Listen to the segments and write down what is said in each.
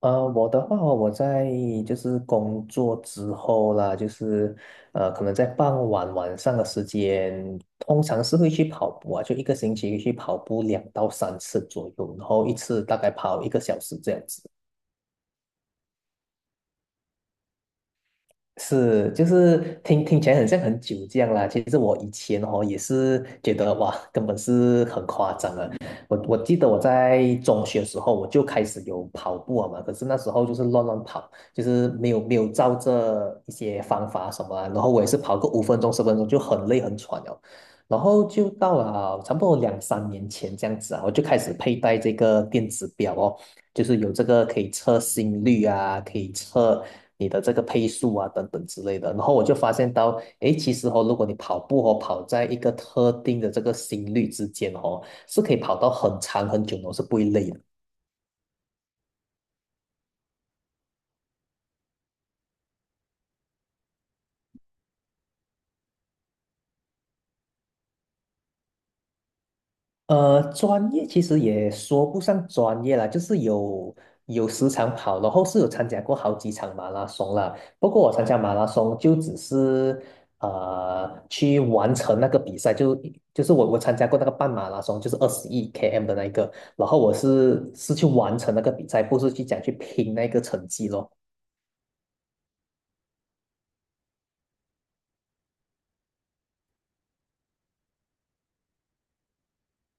我的话哦我在就是工作之后啦，就是可能在傍晚晚上的时间，通常是会去跑步啊，就一个星期去跑步两到三次左右，然后一次大概跑一个小时这样子。是，就是听起来很像很久这样啦。其实我以前哦也是觉得哇，根本是很夸张的。我记得我在中学的时候我就开始有跑步了嘛，可是那时候就是乱乱跑，就是没有照着一些方法什么啊。然后我也是跑个5分钟10分钟就很累很喘了。然后就到了差不多两三年前这样子啊，我就开始佩戴这个电子表哦。就是有这个可以测心率啊，可以测你的这个配速啊，等等之类的。然后我就发现到，诶，其实哦，如果你跑步哦，跑在一个特定的这个心率之间哦，是可以跑到很长很久的哦，是不会累的。专业其实也说不上专业啦，就是有时常跑，然后是有参加过好几场马拉松啦。不过我参加马拉松就只是去完成那个比赛，就是我参加过那个半马拉松，就是二十一 km 的那一个，然后我是去完成那个比赛，不是去讲去拼那个成绩咯。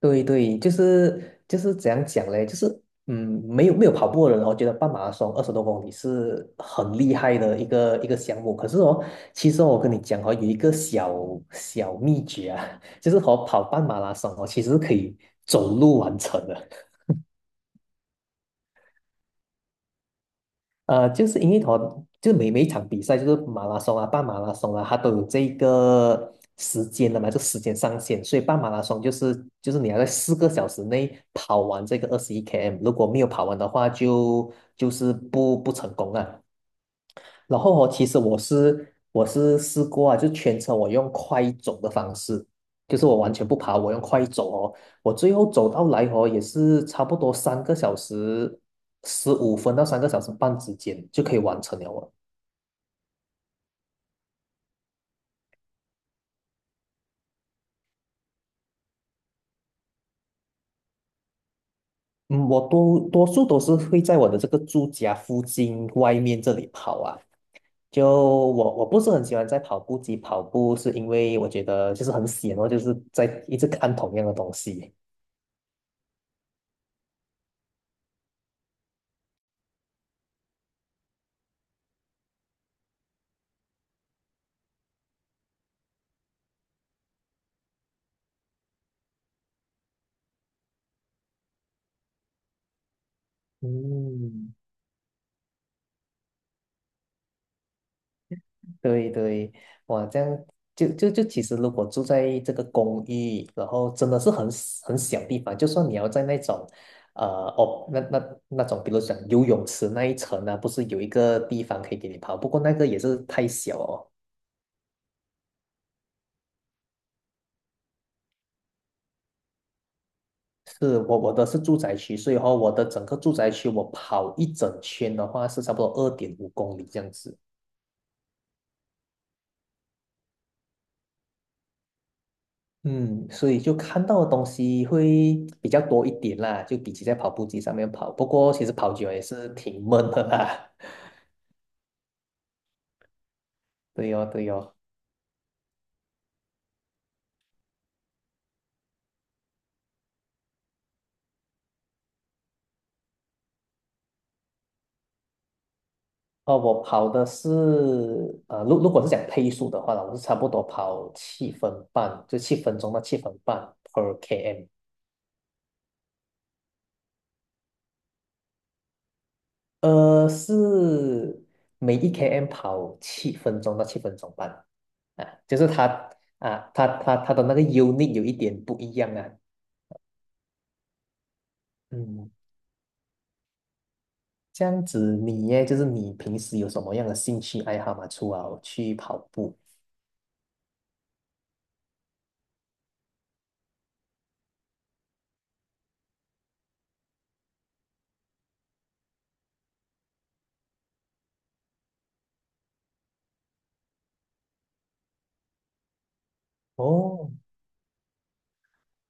对对，就是怎样讲嘞，就是嗯，没有跑步的人我觉得半马拉松20多公里是很厉害的一个项目。可是哦，其实哦我跟你讲哦，有一个小小秘诀啊，就是和跑半马拉松哦，其实是可以走路完成的。就是因为它就每一场比赛，就是马拉松啊、半马拉松啊，它都有这个时间的嘛，就时间上限。所以半马拉松就是你要在4个小时内跑完这个二十一 km，如果没有跑完的话就，就是不成功啊。然后哦，其实我是试过啊，就全程我用快走的方式，就是我完全不爬，我用快走哦。我最后走到来哦，也是差不多3个小时15分到3个小时半之间就可以完成了哦。嗯，我多数都是会在我的这个住家附近外面这里跑啊。就我不是很喜欢在跑步机跑步，是因为我觉得就是很闲哦，就是在一直看同样的东西。嗯，对对，哇，这样就其实如果住在这个公寓，然后真的是很 很小地方，就算你要在那种，呃，哦，那种，比如讲游泳池那一层呢、不是有一个地方可以给你跑，不过那个也是太小哦。是，我的是住宅区，所以话我的整个住宅区我跑一整圈的话是差不多2.5公里这样子。嗯，所以就看到的东西会比较多一点啦，就比起在跑步机上面跑。不过其实跑久了也是挺闷的啦。对哦，对哦。哦，我跑的是，如果是讲配速的话呢，我是差不多跑七分半，就七分钟到七分半 per km。是每一 km 跑7分钟到7分钟半。啊，就是它啊，它的那个 unit 有一点不一样啊。嗯。这样子你耶，就是你平时有什么样的兴趣爱好吗？除了去跑步哦，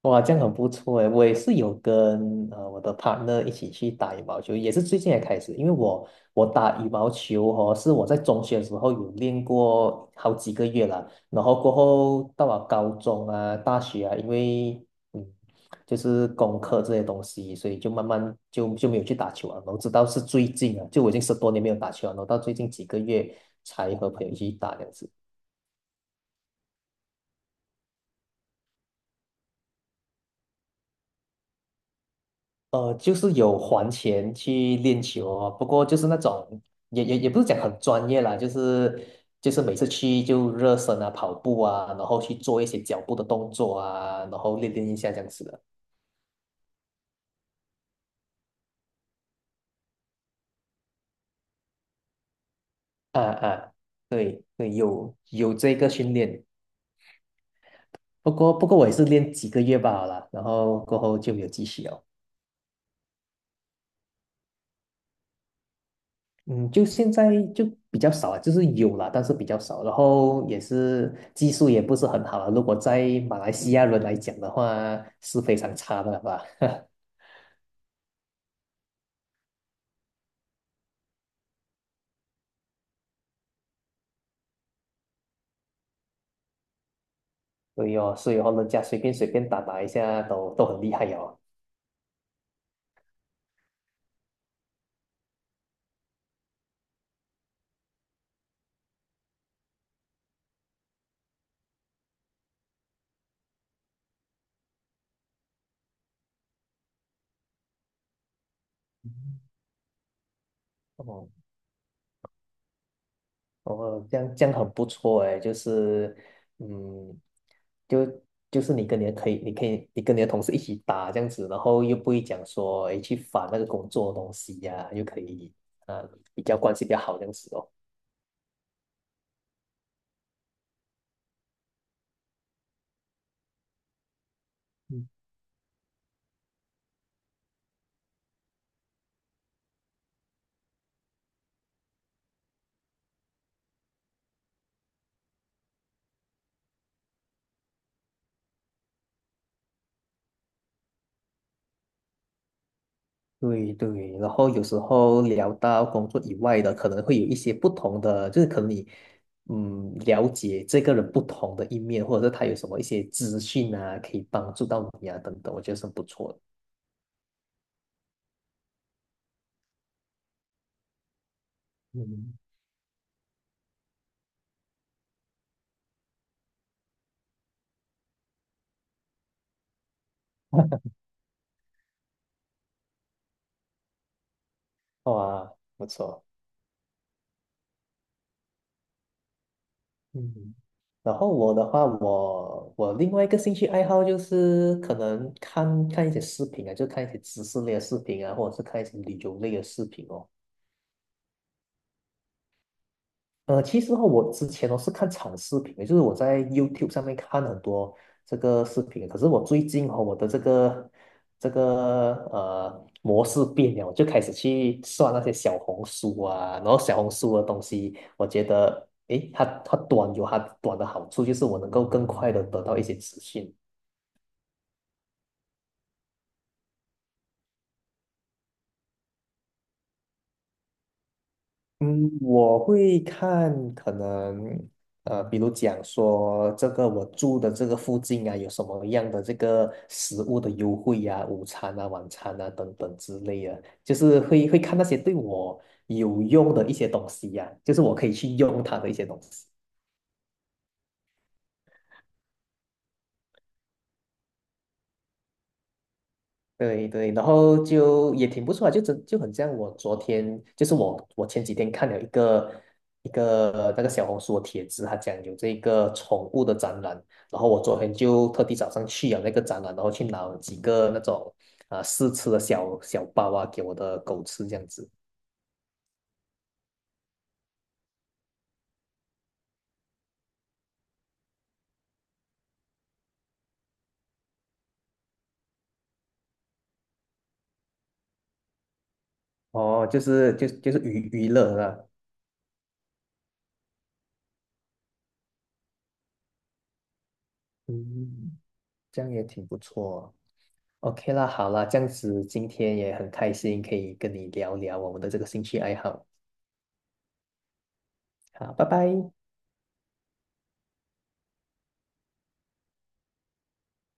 哇，这样很不错诶。我也是有跟我的 partner 一起去打羽毛球，也是最近才开始。因为我打羽毛球哦，是我在中学的时候有练过好几个月了，然后过后到了高中啊、大学啊，因为嗯就是功课这些东西，所以就慢慢就没有去打球啊。然后直到是最近啊，就我已经10多年没有打球了，然后到最近几个月才和朋友一起打这样子。就是有还钱去练球哦，不过就是那种也不是讲很专业啦，就是每次去就热身啊、跑步啊，然后去做一些脚步的动作啊，然后练练一下这样子的。啊啊，对对，有这个训练，不过我也是练几个月罢了啦，然后过后就没有继续哦。嗯，就现在就比较少啊，就是有啦，但是比较少。然后也是技术也不是很好啊，如果在马来西亚人来讲的话，是非常差的吧？所以哦人家随便随便打打一下都很厉害哦。哦哦，这样很不错哎，就是嗯，就就是你可以你跟你的同事一起打这样子，然后又不会讲说诶去烦那个工作的东西呀、又可以呃比较关系比较好这样子哦。对对，然后有时候聊到工作以外的，可能会有一些不同的，就是可能你了解这个人不同的一面，或者是他有什么一些资讯啊，可以帮助到你啊等等，我觉得是很不错的。嗯，哇，不错，嗯，然后我的话，我另外一个兴趣爱好就是可能看看一些视频啊，就看一些知识类的视频啊，或者是看一些旅游类的视频哦。其实哈，我之前哦是看长视频的，就是我在 YouTube 上面看很多这个视频，可是我最近哦，我的这个模式变了，我就开始去刷那些小红书啊，然后小红书的东西，我觉得诶，它短有它短的好处，就是我能够更快的得到一些资讯。嗯，我会看可能比如讲说这个我住的这个附近啊，有什么样的这个食物的优惠呀、午餐啊、晚餐啊等等之类的，就是会看那些对我有用的一些东西呀、就是我可以去用它的一些东西。对对，然后就也挺不错啊就真就很像我昨天，就是我前几天看了一个那个小红书的帖子，他讲有这个宠物的展览，然后我昨天就特地早上去了那个展览，然后去拿了几个那种啊、试吃的小小包啊给我的狗吃这样子，哦，就是娱乐啦，嗯，这样也挺不错。OK 啦，好啦，这样子今天也很开心，可以跟你聊聊我们的这个兴趣爱好。好，拜拜。